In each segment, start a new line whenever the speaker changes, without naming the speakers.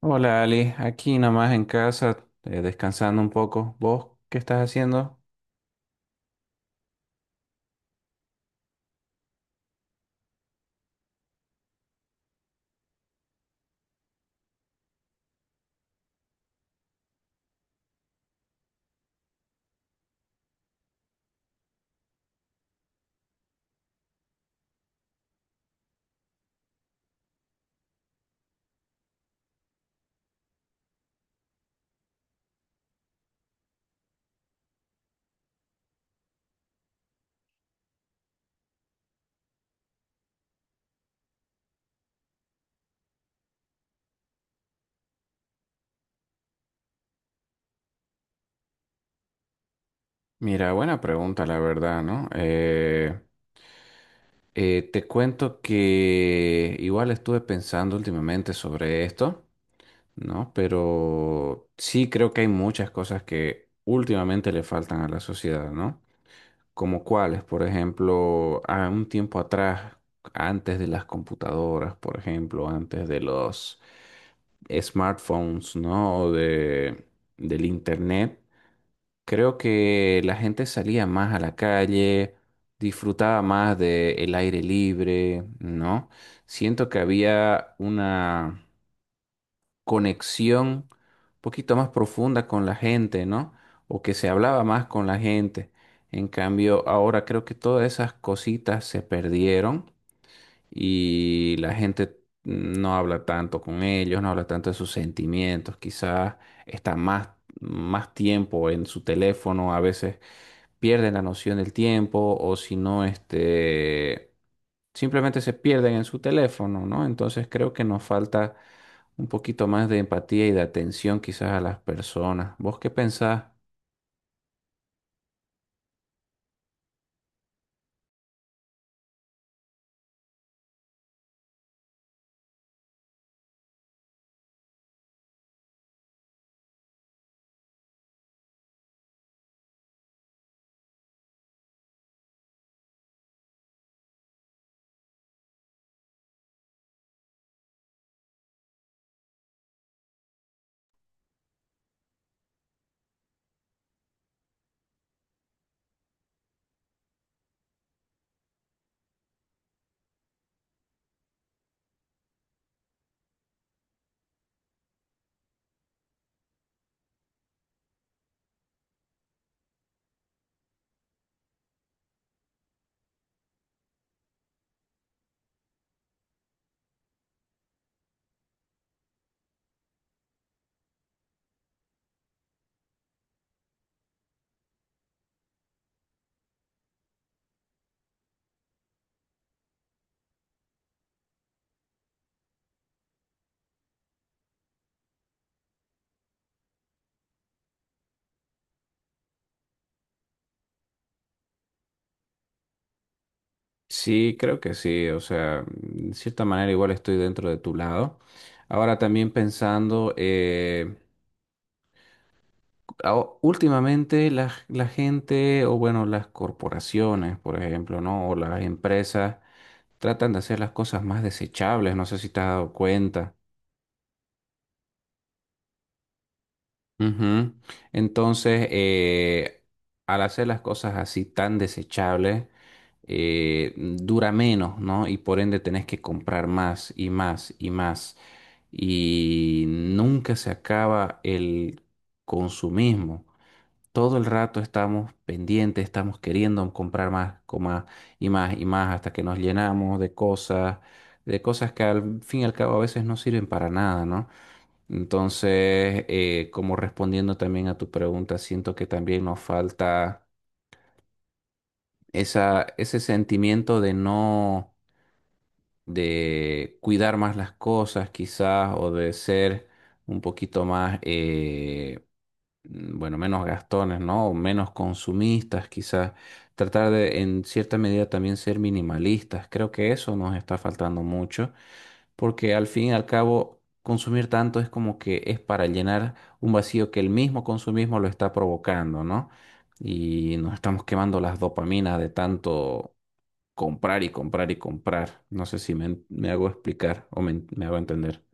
Hola Ali, aquí nomás en casa, descansando un poco. ¿Vos qué estás haciendo? Mira, buena pregunta, la verdad, ¿no? Te cuento que igual estuve pensando últimamente sobre esto, ¿no? Pero sí creo que hay muchas cosas que últimamente le faltan a la sociedad, ¿no? Como cuáles, por ejemplo, a un tiempo atrás, antes de las computadoras, por ejemplo, antes de los smartphones, ¿no? O de, del internet, creo que la gente salía más a la calle, disfrutaba más del aire libre, ¿no? Siento que había una conexión un poquito más profunda con la gente, ¿no? O que se hablaba más con la gente. En cambio, ahora creo que todas esas cositas se perdieron y la gente no habla tanto con ellos, no habla tanto de sus sentimientos, quizás está más, más tiempo en su teléfono, a veces pierden la noción del tiempo o si no, este simplemente se pierden en su teléfono, ¿no? Entonces creo que nos falta un poquito más de empatía y de atención quizás a las personas. ¿Vos qué pensás? Sí, creo que sí, o sea, de cierta manera igual estoy dentro de tu lado. Ahora también pensando, últimamente la gente, o bueno, las corporaciones, por ejemplo, ¿no? O las empresas tratan de hacer las cosas más desechables, no sé si te has dado cuenta. Ujú. Entonces, eh, al hacer las cosas así tan desechables, dura menos, ¿no? Y por ende tenés que comprar más y más y más. Y nunca se acaba el consumismo. Todo el rato estamos pendientes, estamos queriendo comprar más y más y más hasta que nos llenamos de cosas que al fin y al cabo a veces no sirven para nada, ¿no? Como respondiendo también a tu pregunta, siento que también nos falta esa, ese sentimiento de no, de cuidar más las cosas quizás o de ser un poquito más, bueno, menos gastones, ¿no? O menos consumistas, quizás. Tratar de, en cierta medida, también ser minimalistas. Creo que eso nos está faltando mucho, porque al fin y al cabo, consumir tanto es como que es para llenar un vacío que el mismo consumismo lo está provocando, ¿no? Y nos estamos quemando las dopaminas de tanto comprar y comprar y comprar. No sé si me hago explicar o me hago entender.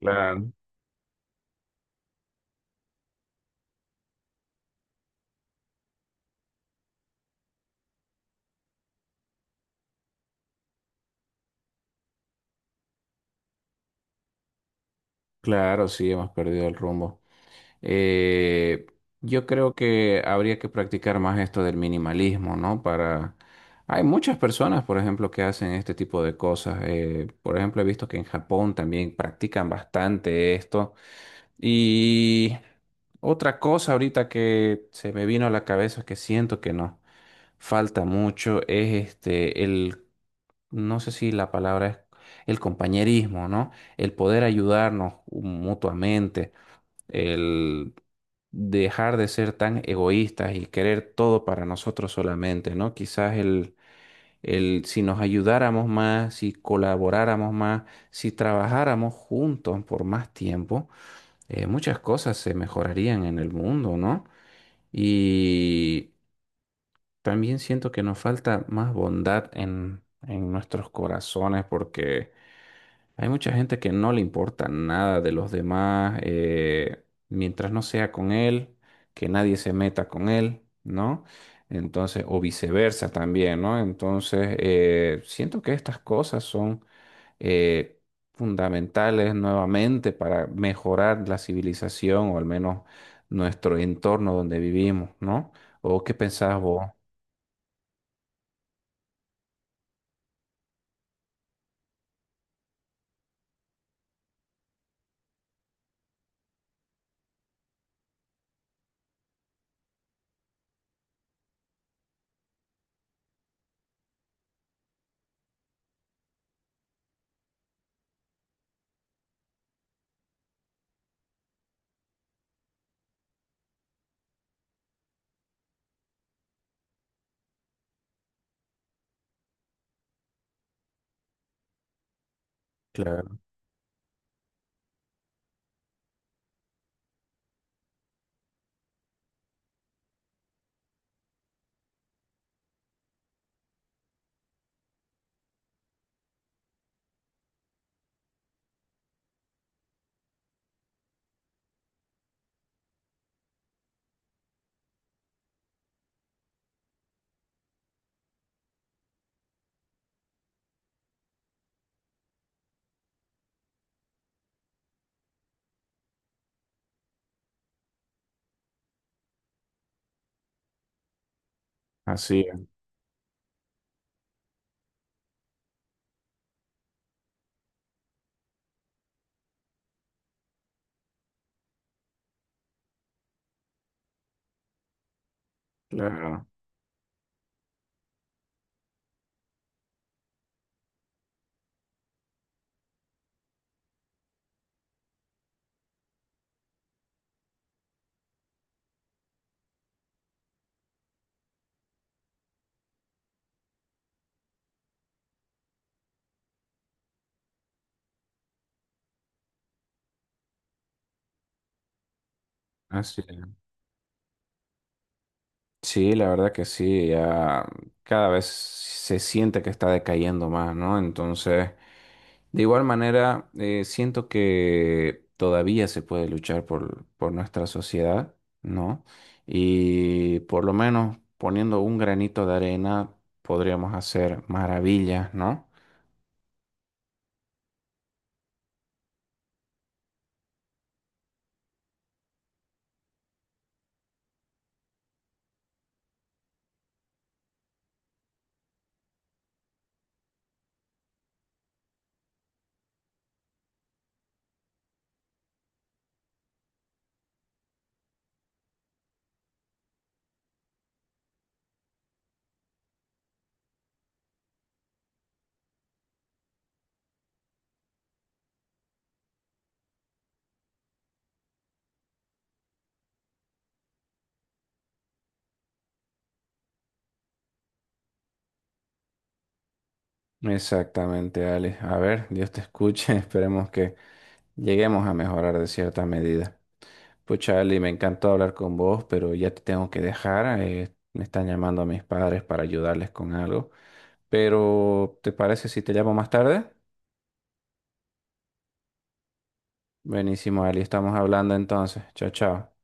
Claro. Claro, sí, hemos perdido el rumbo. Eh, yo creo que habría que practicar más esto del minimalismo, ¿no? Para... Hay muchas personas, por ejemplo, que hacen este tipo de cosas. Por ejemplo, he visto que en Japón también practican bastante esto. Y otra cosa ahorita que se me vino a la cabeza que siento que nos falta mucho es este, el, no sé si la palabra es el compañerismo, ¿no? El poder ayudarnos mutuamente el dejar de ser tan egoístas y querer todo para nosotros solamente, ¿no? Quizás el si nos ayudáramos más, si colaboráramos más, si trabajáramos juntos por más tiempo, muchas cosas se mejorarían en el mundo, ¿no? Y también siento que nos falta más bondad en nuestros corazones porque hay mucha gente que no le importa nada de los demás, mientras no sea con él, que nadie se meta con él, ¿no? Entonces, o viceversa también, ¿no? Siento que estas cosas son eh, fundamentales nuevamente para mejorar la civilización o al menos nuestro entorno donde vivimos, ¿no? ¿O qué pensás vos? Claro. Así es, claro. Así es. Sí, la verdad que sí, ya cada vez se siente que está decayendo más, ¿no? De igual manera, siento que todavía se puede luchar por nuestra sociedad, ¿no? Y por lo menos poniendo un granito de arena podríamos hacer maravillas, ¿no? Exactamente, Alex. A ver, Dios te escuche, esperemos que lleguemos a mejorar de cierta medida. Pues Charlie, me encantó hablar con vos, pero ya te tengo que dejar. Me están llamando a mis padres para ayudarles con algo. Pero, ¿te parece si te llamo más tarde? Buenísimo, Ali, estamos hablando entonces. Chao, chao.